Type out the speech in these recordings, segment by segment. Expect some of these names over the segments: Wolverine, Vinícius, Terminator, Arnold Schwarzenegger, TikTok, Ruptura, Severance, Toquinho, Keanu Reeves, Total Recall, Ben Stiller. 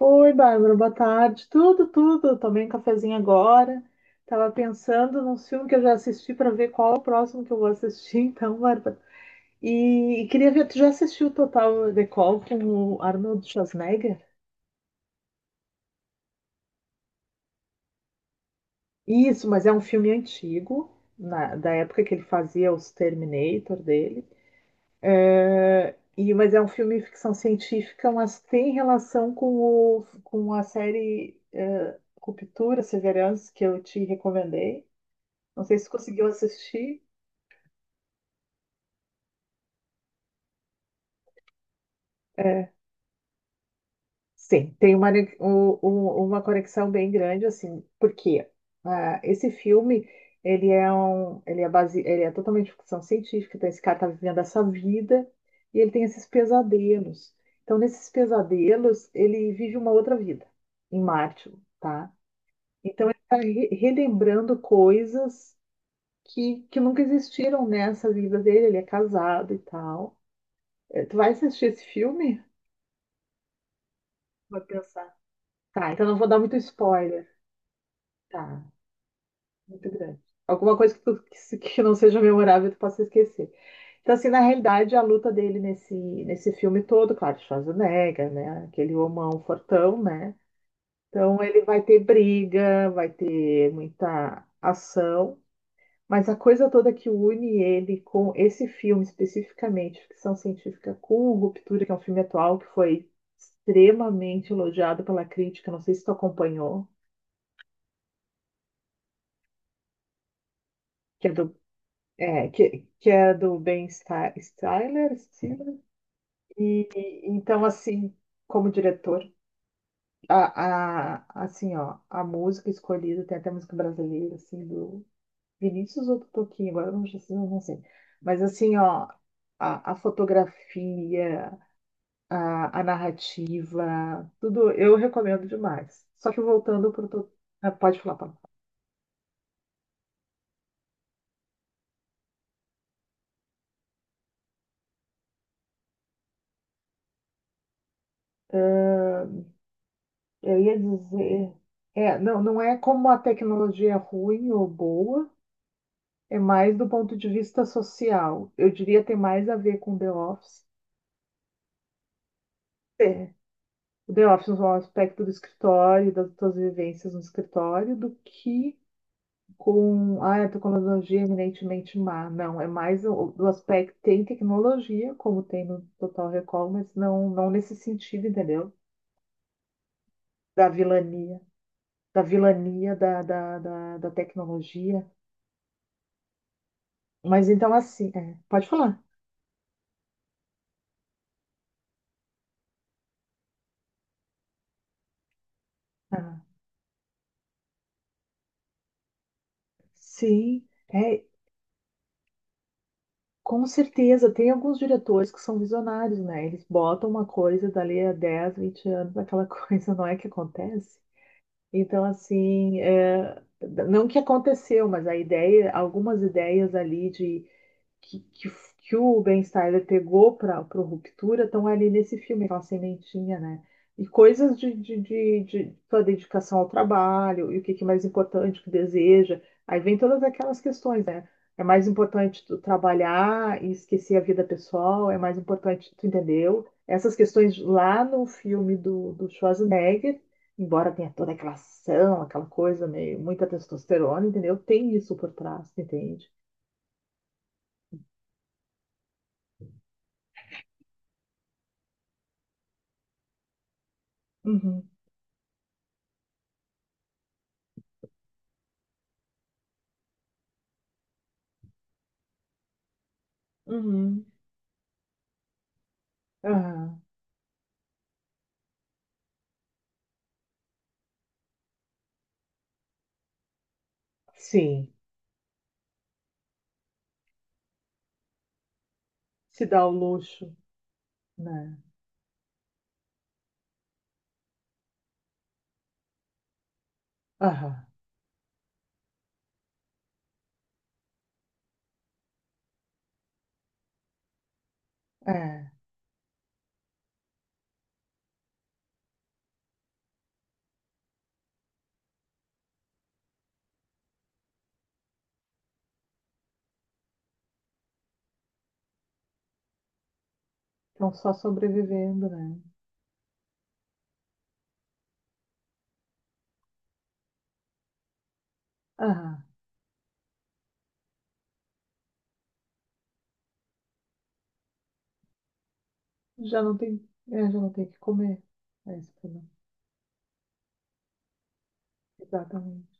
Oi, Bárbara, boa tarde. Tudo, tudo. Eu tomei um cafezinho agora. Tava pensando num filme que eu já assisti para ver qual é o próximo que eu vou assistir, então, Bárbara. E queria ver, tu já assistiu o Total Recall com o Arnold Schwarzenegger? Isso, mas é um filme antigo, da época que ele fazia os Terminator dele. É, mas é um filme de ficção científica, mas tem relação com a série Ruptura, Severance, que eu te recomendei. Não sei se conseguiu assistir. É, sim, tem uma, ne- um- um- uma conexão bem grande, assim, porque esse filme, ele é um, ele é base, ele é totalmente ficção científica, então esse cara tá vivendo essa vida e ele tem esses pesadelos. Então, nesses pesadelos, ele vive uma outra vida em Marte, tá? Então, ele tá relembrando coisas que nunca existiram nessa vida dele, ele é casado e tal. Tu vai assistir esse filme? Vou pensar. Tá, então não vou dar muito spoiler. Tá, muito grande. Alguma coisa que, que não seja memorável tu possa esquecer. Então, assim, na realidade, a luta dele nesse filme todo, claro, Schwarzenegger, né? Aquele homão fortão, né? Então, ele vai ter briga, vai ter muita ação, mas a coisa toda que une ele com esse filme especificamente, ficção científica com Ruptura, que é um filme atual que foi extremamente elogiado pela crítica, não sei se tu acompanhou, que é do É, que é do Ben Stiller. Então, assim, como diretor, assim, ó, a música escolhida, tem até música brasileira, assim, do Vinícius ou do Toquinho, agora eu não sei. Mas, assim, ó, a fotografia, a narrativa, tudo, eu recomendo demais. Só que voltando para o... Pode falar, Paulo. Eu ia dizer... É, não, não é como a tecnologia é ruim ou boa. É mais do ponto de vista social. Eu diria ter mais a ver com The Office. É, o The Office é um aspecto do escritório, das tuas vivências no escritório, do que com a tecnologia é eminentemente má. Não, é mais do aspecto tem tecnologia, como tem no Total Recall, mas não, não nesse sentido, entendeu? Da vilania, da vilania da tecnologia. Mas então assim, é, pode falar. Ah, sim. É, com certeza, tem alguns diretores que são visionários, né? Eles botam uma coisa dali a 10 20 anos, aquela coisa não é que acontece. Então, assim, é, não que aconteceu, mas a ideia, algumas ideias ali de que, que, que o Ben Stiller pegou para o Ruptura estão ali nesse filme, aquela sementinha, né? E coisas de sua dedicação ao trabalho, e o que é mais importante, o que deseja. Aí vem todas aquelas questões, né? É mais importante tu trabalhar e esquecer a vida pessoal, é mais importante, tu entendeu? Essas questões lá no filme do Schwarzenegger, embora tenha toda aquela ação, aquela coisa meio, muita testosterona, entendeu? Tem isso por trás, entende? Uhum, uhum. Aham. Sim. Se dá o luxo, né? Aham. É. Estão só sobrevivendo, né? Aham. Já não tem, já não tem o que comer. É isso que eu. Exatamente.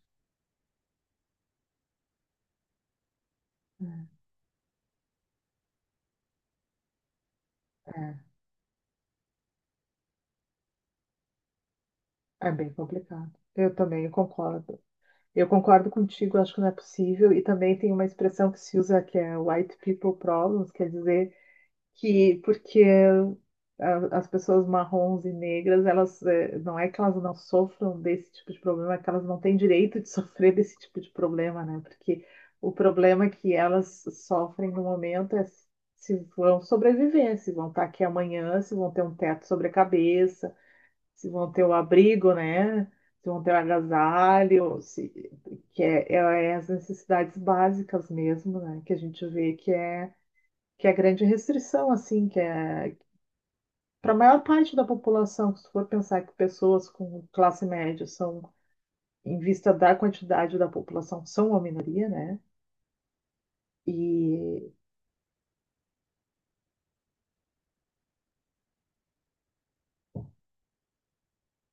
É. É. É bem complicado. Eu também concordo. Eu concordo contigo, acho que não é possível. E também tem uma expressão que se usa que é white people problems, quer dizer que porque as pessoas marrons e negras, elas não é que elas não sofram desse tipo de problema, é que elas não têm direito de sofrer desse tipo de problema, né? Porque o problema que elas sofrem no momento é se vão sobreviver, se vão estar aqui amanhã, se vão ter um teto sobre a cabeça, se vão ter o abrigo, né? Se vão ter o agasalho, se, que é, é as necessidades básicas mesmo, né? Que a gente vê que é a grande restrição, assim, que é para a maior parte da população, se for pensar que pessoas com classe média são, em vista da quantidade da população, são uma minoria, né? E.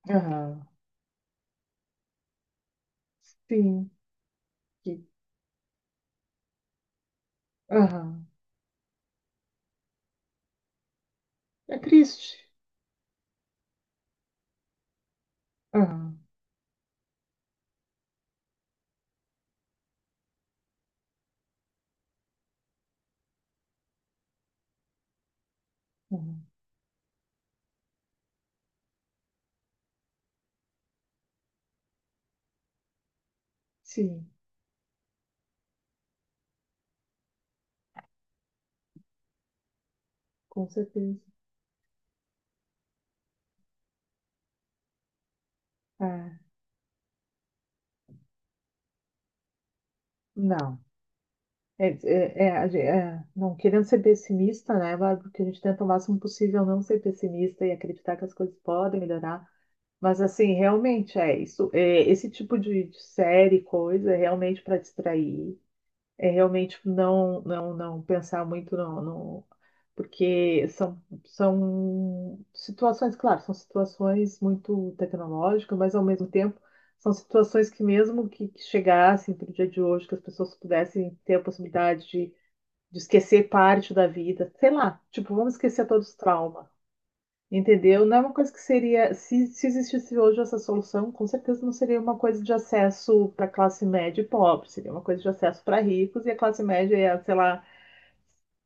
Aham, sim. e- Aham. É triste. Aham. Aham, sim, com certeza. É, não. Não querendo ser pessimista, né, Bárbara? Porque a gente tenta o máximo possível não ser pessimista e acreditar que as coisas podem melhorar. Mas assim, realmente é isso. É, esse tipo de série, coisa, é realmente para distrair. É realmente não, não, não pensar muito no. Porque são situações, claro, são situações muito tecnológicas, mas ao mesmo tempo são situações que mesmo que chegassem para o dia de hoje, que as pessoas pudessem ter a possibilidade de esquecer parte da vida, sei lá, tipo, vamos esquecer todos os traumas. Entendeu? Não é uma coisa que seria. Se existisse hoje essa solução, com certeza não seria uma coisa de acesso para classe média e pobre, seria uma coisa de acesso para ricos e a classe média ia, sei lá,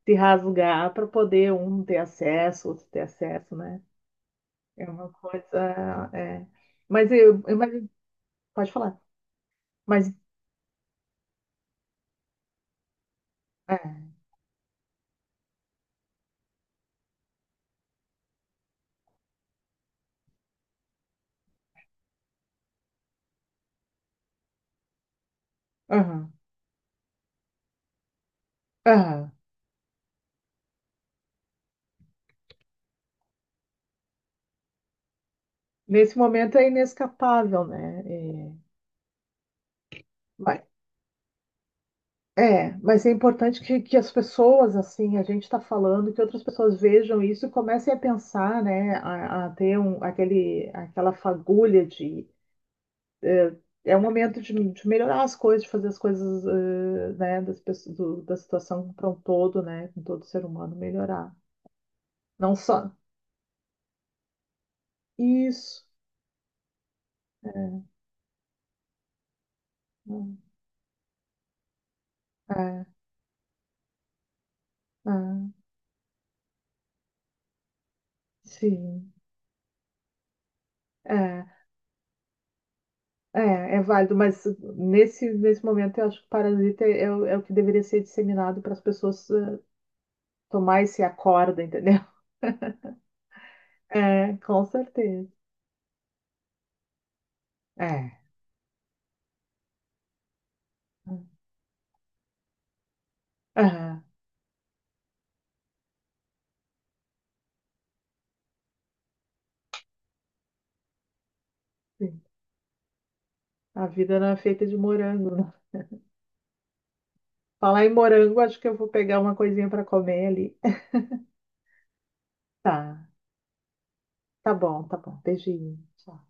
se rasgar para poder um ter acesso, outro ter acesso, né? É uma coisa. É. Mas eu pode falar. Mas é, aham, aham. Nesse momento é inescapável, né? É, mas é importante que as pessoas, assim, a gente está falando, que outras pessoas vejam isso e comecem a pensar, né, a ter um, aquela fagulha de. eh, um momento de melhorar as coisas, de fazer as coisas, né, da situação para um todo, né, com todo ser humano melhorar. Não só. Isso. É, é, sim. É. É, é válido, mas nesse momento eu acho que Parasita é, é o que deveria ser disseminado para as pessoas tomar esse acorda, entendeu? É, com certeza. É. Aham, sim. A vida não é feita de morango, né? Falar em morango, acho que eu vou pegar uma coisinha para comer ali. Tá, tá bom, tá bom. Beijinho. Tchau.